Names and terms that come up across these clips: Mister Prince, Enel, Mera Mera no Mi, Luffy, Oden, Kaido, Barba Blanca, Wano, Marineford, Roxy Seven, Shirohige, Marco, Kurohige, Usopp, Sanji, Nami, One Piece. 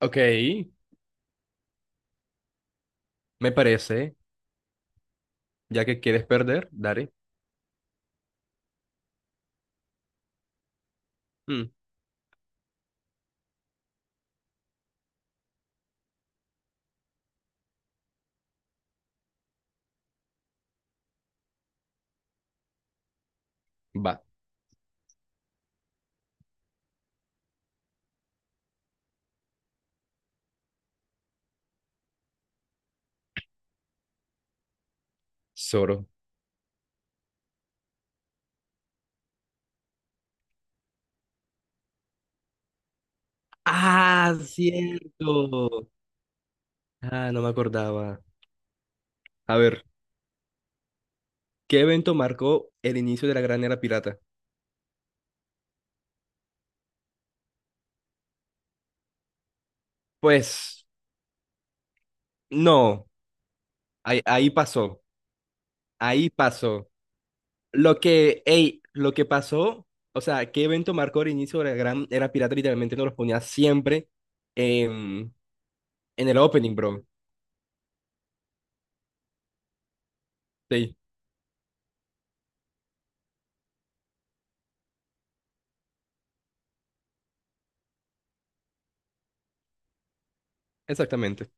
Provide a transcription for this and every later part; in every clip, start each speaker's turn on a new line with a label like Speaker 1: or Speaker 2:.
Speaker 1: Ok, me parece. Ya que quieres perder, dale. Mm, va, Zoro. Ah, cierto. Ah, no me acordaba. A ver, ¿qué evento marcó el inicio de la Gran Era Pirata? Pues, no. Ahí pasó. Ahí pasó. Lo que, ey, lo que pasó, o sea, ¿qué evento marcó el inicio de la Gran Era Pirata? Literalmente nos los ponía siempre en, en el opening, bro. Sí, exactamente.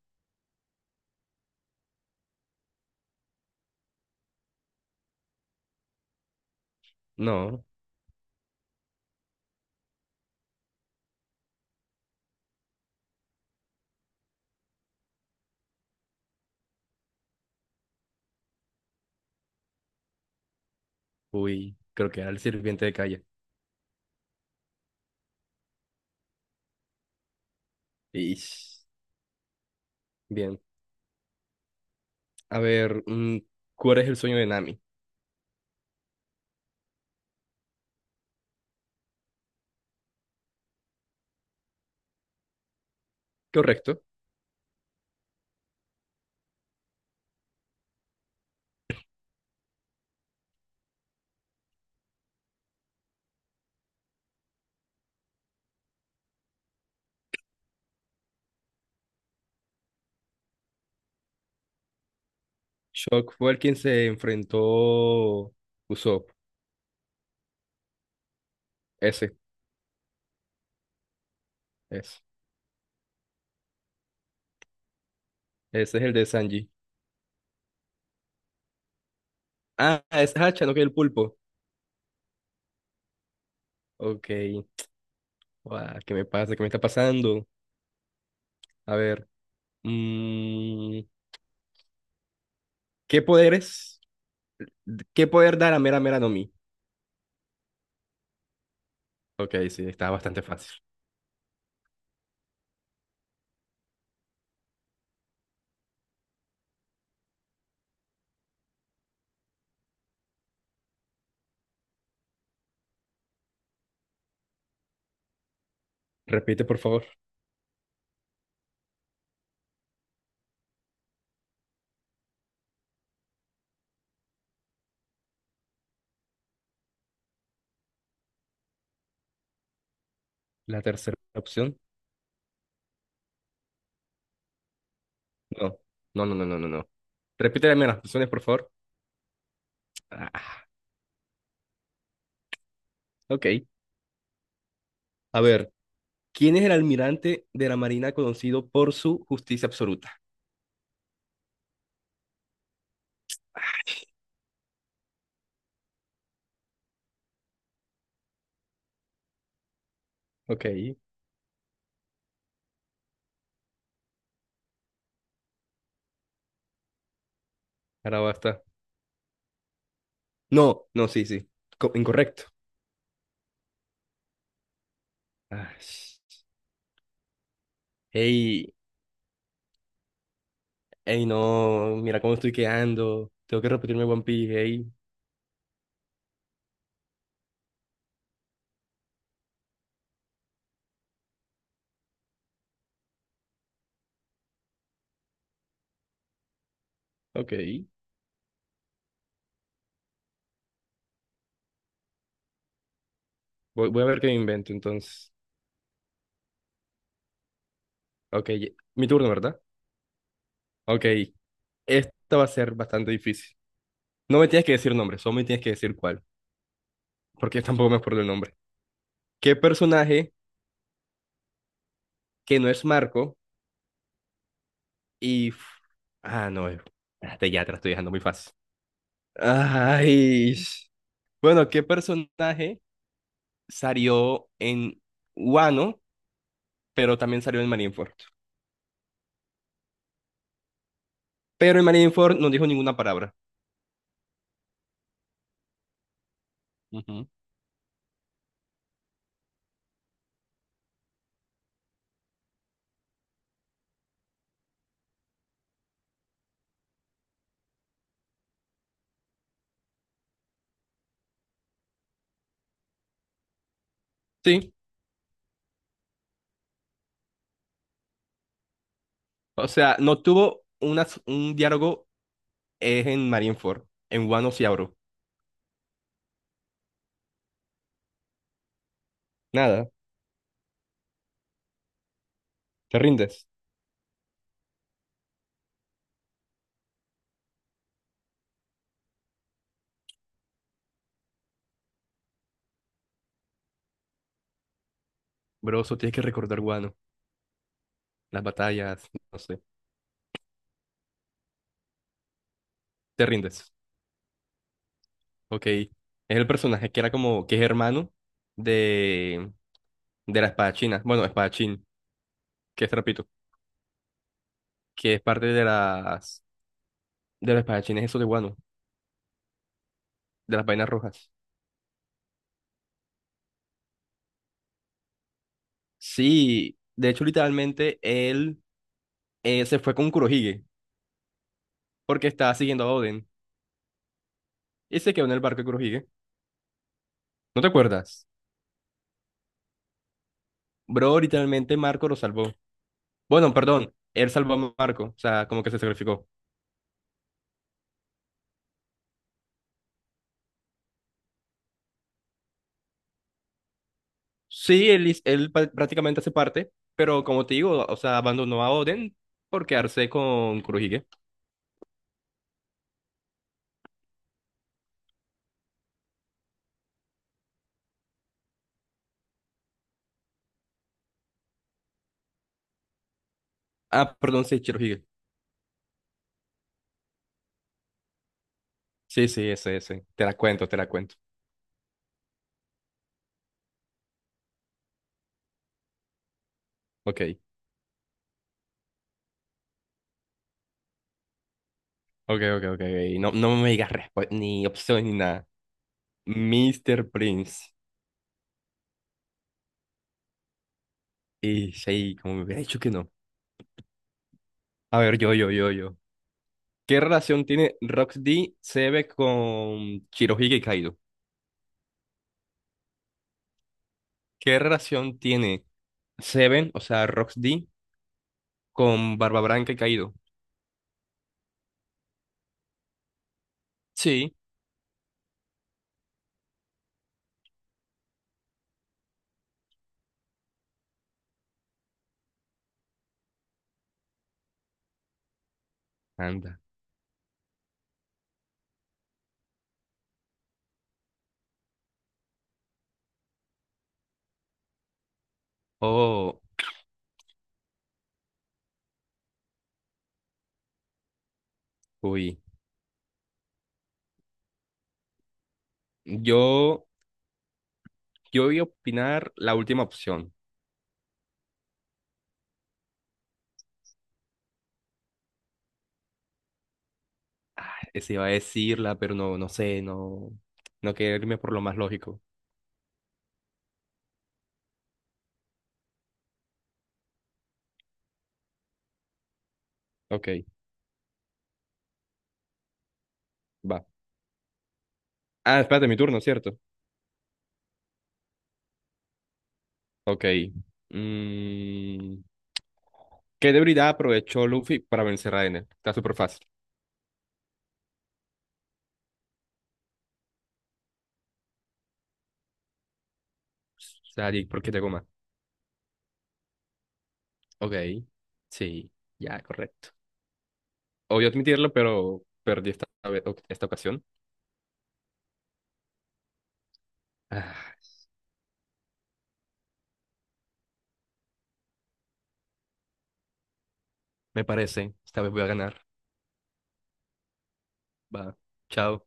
Speaker 1: No. Uy, creo que era el sirviente de calle. Ish. Bien. A ver, ¿cuál es el sueño de Nami? Correcto. Shock fue el quien se enfrentó Usopp. Ese, ese. Ese es el de Sanji. Ah, es Hacha, no que el pulpo. Ok. Guau, ¿qué me pasa? ¿Qué me está pasando? A ver. mm, ¿Qué poderes? ¿Qué poder dar a Mera Mera no Mi? Ok, sí, está bastante fácil. Repite, por favor, la tercera opción. No, no, no, no, no, no, no. Repite las primeras opciones, por favor. Ah, ok. A ver. ¿Quién es el almirante de la Marina conocido por su justicia absoluta? Ok, ahora basta. No, no, sí, sí. Co- incorrecto. Ay, hey, hey, no, mira cómo estoy quedando. Tengo que repetirme One Piece, hey. Ok, voy a ver qué me invento entonces. Ok, mi turno, ¿verdad? Ok, esta va a ser bastante difícil. No me tienes que decir nombre, solo me tienes que decir cuál, porque yo tampoco me acuerdo el nombre. ¿Qué personaje que no es Marco Y. Ah, no. Espérate, ya te la estoy dejando muy fácil. Ay. Bueno, ¿qué personaje salió en Wano, pero también salió en Marineford? Pero en Marineford no dijo ninguna palabra. Ujú. Sí. O sea, no tuvo una, un diálogo en Marineford. En Wano sí habló. Nada. ¿Te rindes? Bro, eso tienes que recordar Wano. Las batallas, no sé. ¿Te rindes? Ok. Es el personaje que era como, que es hermano de... de la espadachina. Bueno, espadachín, que es trapito, que es parte de las de los espadachines esos de guano, de las vainas rojas. Sí, de hecho, literalmente él se fue con Kurohige porque estaba siguiendo a Oden y se quedó en el barco de Kurohige. ¿No te acuerdas? Bro, literalmente Marco lo salvó. Bueno, perdón, él salvó a Marco, o sea, como que se sacrificó. Sí, él, hiz- él pa- prácticamente hace parte, pero como te digo, o sea, abandonó a Oden por quedarse con Kurohige. Ah, perdón, sí, Shirohige. Sí, sí, ese, ese. Te la cuento, te la cuento. Ok, ok, ok, ok, ok. No, no me digas respu- ni opción ni nada. Mister Prince. Y sí, como me hubiera dicho que no. A ver, yo. ¿Qué relación tiene Roxy Seven con Shirohige Kaido? ¿Qué relación tiene Seven, o sea, Roxy, con Barba Blanca y Kaido? Sí. Anda. Oh, uy. Yo, yo voy a opinar la última opción. Se iba a decirla, pero no, no sé, no, no quería irme por lo más lógico. Ok, va. Ah, espérate, mi turno, ¿cierto? Ok. Mm, ¿Qué debilidad aprovechó Luffy para vencer a Enel? Está súper fácil. Sadik, ¿por qué te goma? Ok, sí, ya, correcto. Obvio admitirlo, pero perdí esta, vez- ok, esta ocasión. Ah, me parece, esta vez voy a ganar. Va, chao.